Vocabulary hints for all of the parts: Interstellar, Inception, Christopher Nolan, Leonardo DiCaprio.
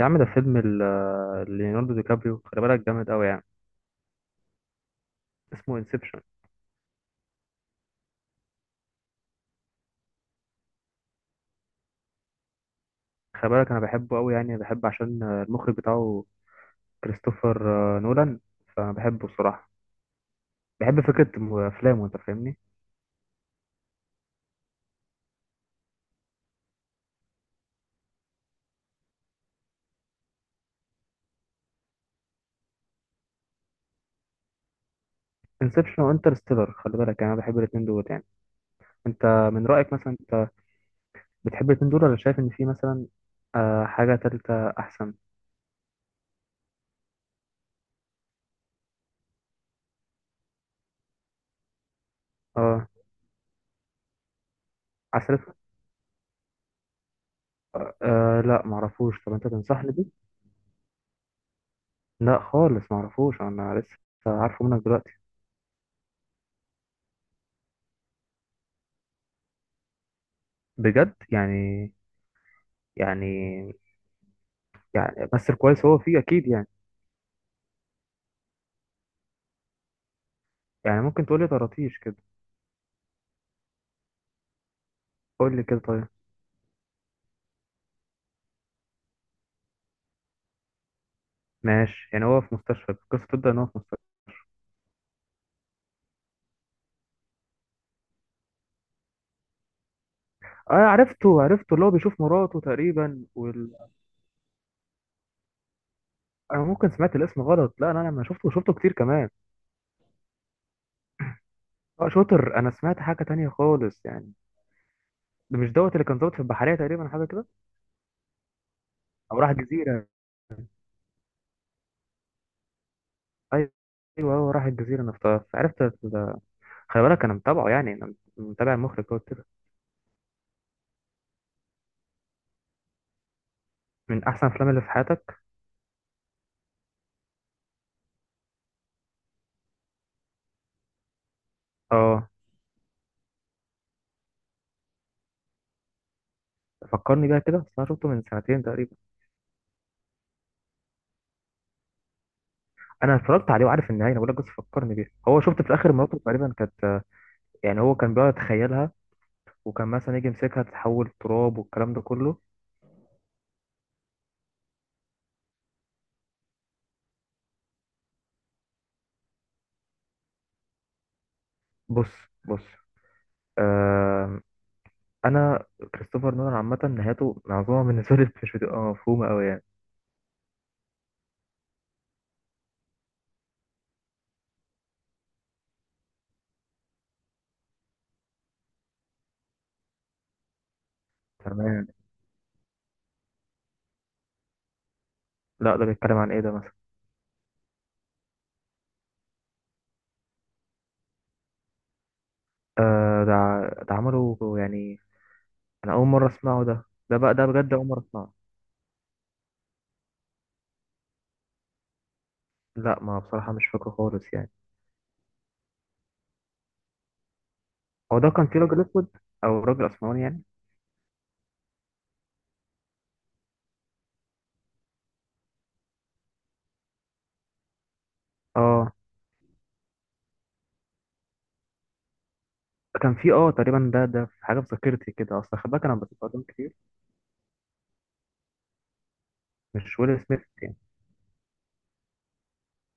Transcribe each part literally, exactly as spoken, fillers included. يا عم ده فيلم ال- ليوناردو دي كابريو، خلي بالك جامد قوي يعني. اسمه انسبشن. خلي بالك انا بحبه قوي يعني، بحب عشان المخرج بتاعه كريستوفر آه، نولان. فانا بحبه بصراحة. بحب فكرة م- افلامه. انت فاهمني؟ انسبشن وانترستيلر، خلي بالك يعني انا بحب الاتنين دول يعني. انت، من رأيك مثلا، انت بتحب الاتنين دول ولا شايف ان في مثلا آه، حاجة تالتة احسن؟ اه. عسل اسود؟ آه لا معرفوش، طب انت تنصحني بيه؟ لا خالص معرفوش، انا لسه عارفه منك دلوقتي. بجد يعني؟ يعني يعني بس الكويس هو فيه اكيد يعني. يعني ممكن تقولي طراطيش كده، قول لي كده طيب. ماشي يعني، هو في مستشفى، القصه تبدا ان هو في مستشفى. اه، عرفته عرفته، اللي هو بيشوف مراته تقريبا وال... انا ممكن سمعت الاسم غلط. لا انا لما شفته شفته كتير كمان. اه شاطر، انا سمعت حاجه تانية خالص يعني. ده مش دوت اللي كان ظابط في البحريه تقريبا، حاجه كده؟ او راح جزيره. ايوه ايوه، هو راح الجزيره، انا افتكرت عرفت ده. خلي بالك انا متابعه يعني، انا متابع المخرج دوت كده. من احسن افلام اللي في حياتك. اه، فكرني بيها كده، بس انا شفته من سنتين تقريبا. انا اتفرجت عليه وعارف النهايه، انا بقول لك بس فكرني بيها. هو شفت في اخر مراته تقريبا كانت، يعني هو كان بيقعد يتخيلها، وكان مثلا يجي يمسكها تتحول تراب والكلام ده كله. بص بص. آه. انا، كريستوفر نولان عامه نهايته معظمها بالنسبه لي مش بتبقى مفهومه قوي يعني. تمام. لا ده بيتكلم عن ايه ده مثلا؟ آه ده ع- ده عمله يعني. انا اول مره اسمعه ده ده بقى ده بجد اول مره اسمعه. لا ما بصراحه مش فاكره خالص يعني. هو ده كان فيه راجل اسود، او راجل اسمراني يعني. اه، كان في اه تقريبا، ده ده في حاجه في ذاكرتي كده، اصل خد بالك انا بشوف افلام كتير. مش ويل سميث يعني.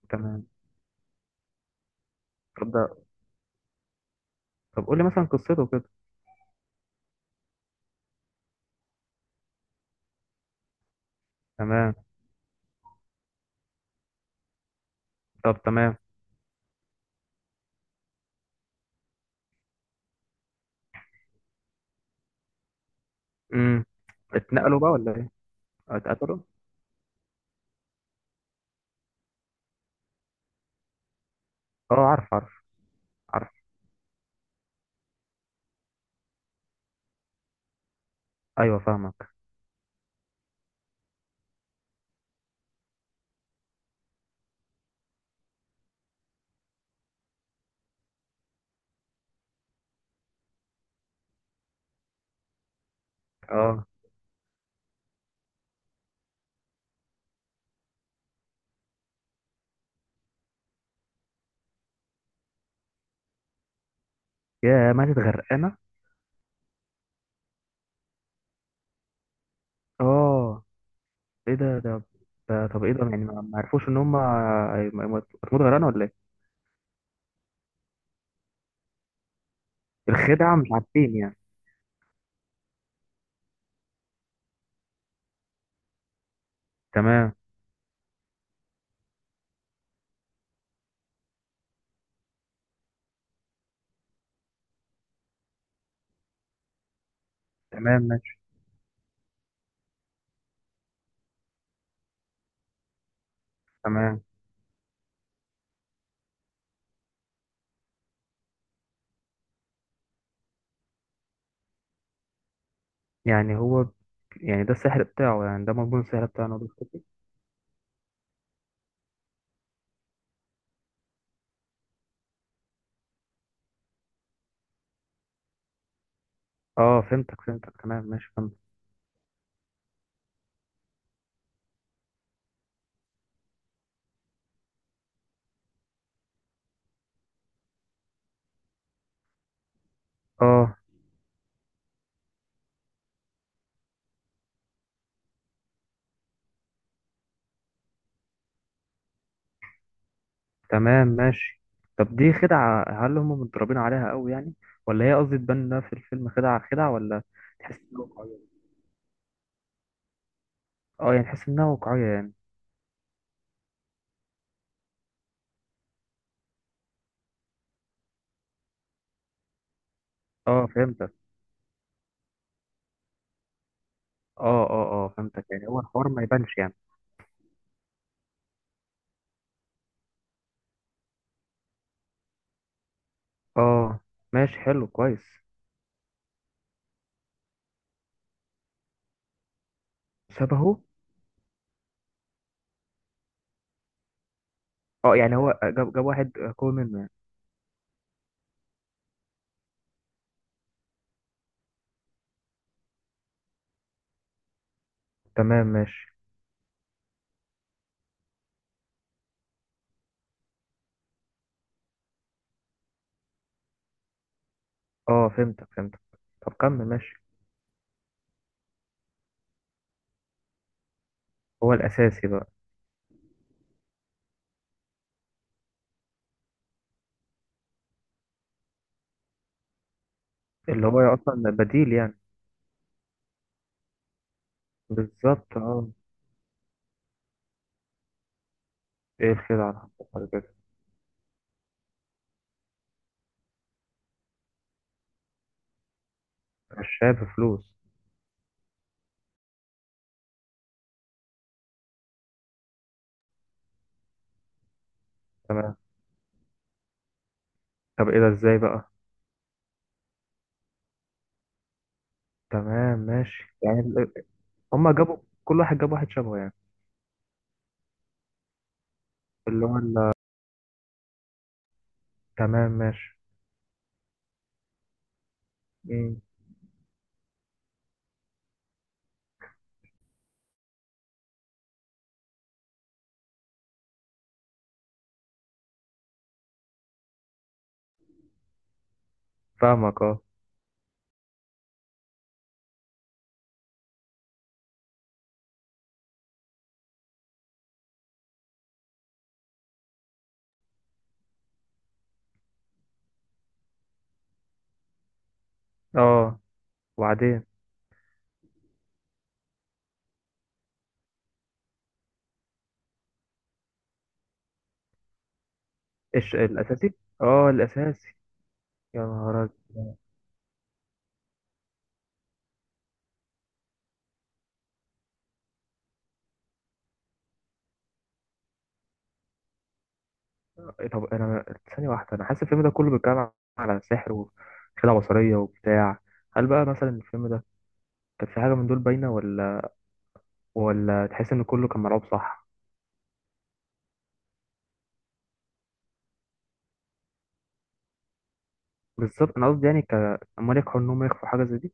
تمام. طب ده، طب قول لي مثلا قصته كده. تمام. طب تمام. امم. اتنقلوا بقى ولا ايه؟ أو اتقتلوا؟ اه، عارف عارف عارف. ايوه فاهمك. اه. يا ماتت غرقانه. اه، ايه ده؟ ده، ده طب ايه ده يعني، ما ما عرفوش ان هم هيموت- هتموت غرقانه ولا ايه؟ الخدعه مش عارفين يعني. تمام. تمام ماشي. تمام. يعني هو يعني ده السحر بتاعه يعني، ده مضمون السحر بتاعه إن هو بيخطف. اه فهمتك فهمتك، تمام ماشي فهمت. اه تمام ماشي. طب دي خدعة، هل هم متدربين عليها قوي يعني، ولا هي، قصدي، تبان انها في الفيلم خدعة خدعة، ولا تحس انها واقعية؟ اه يعني تحس انها واقعية يعني. اه فهمتك. اه اه اه فهمتك، يعني هو الحوار ما يبانش يعني. اه ماشي حلو كويس. شبهه. اه يعني هو جاب جاب واحد قوي منه يعني. تمام ماشي. اه فهمتك فهمتك. طب كمل ماشي. هو الأساسي بقى. اللي هو أصلا بديل يعني. بالظبط اه. ايه الخدعة اللي حصلت؟ مشاها بفلوس. تمام. طب ايه ده، ازاي بقى؟ تمام ماشي، يعني ال- هما جابوا، كل واحد جاب واحد شبهه يعني. اللي هو ال- تمام ماشي. مم. فاهمك اه. اه، وبعدين؟ ايش الاساسي. اه الاساسي. يا نهار أبيض. إيه؟ طب انا، ثانيه واحده، انا حاسس الفيلم ده كله بيتكلم على سحر وخدعه بصريه وبتاع. هل بقى مثلا الفيلم ده كان في حاجه من دول باينه، ولا ولا تحس ان كله كان ملعوب صح؟ بالظبط انا قصدي يعني ك امال ينجحوا انهم يخفوا حاجه زي دي؟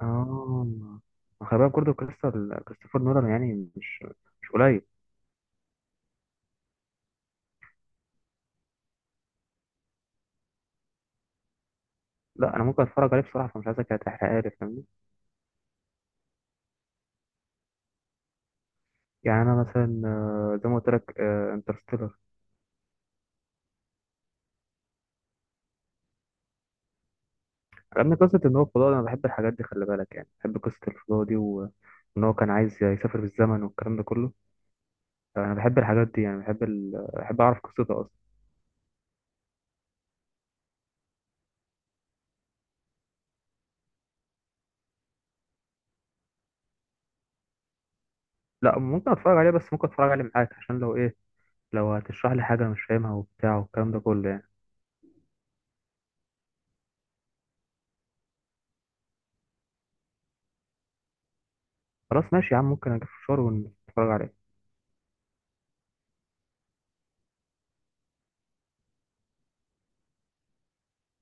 اه خلي بالك برضه كريستال كريستوفر نولان يعني مش مش قليل. لا انا ممكن اتفرج عليه بصراحه، فمش عايزك تحرقها لي فاهمني. يعني انا مثلا آه، زي ما قلت لك آه، انترستيلر. عجبني قصه ان هو فضاء، انا بحب الحاجات دي خلي بالك يعني، بحب قصه الفضاء دي و- وان هو كان عايز يسافر بالزمن والكلام ده كله. انا بحب الحاجات دي يعني، بحب ال... بحب اعرف قصته اصلا. لا ممكن اتفرج عليه، بس ممكن اتفرج عليه معاك، عشان لو ايه، لو هتشرح لي حاجه مش فاهمها وبتاع والكلام ده كله يعني. خلاص ماشي يا عم، ممكن اجيب فشار ونتفرج عليه.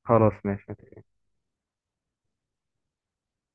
خلاص ماشي.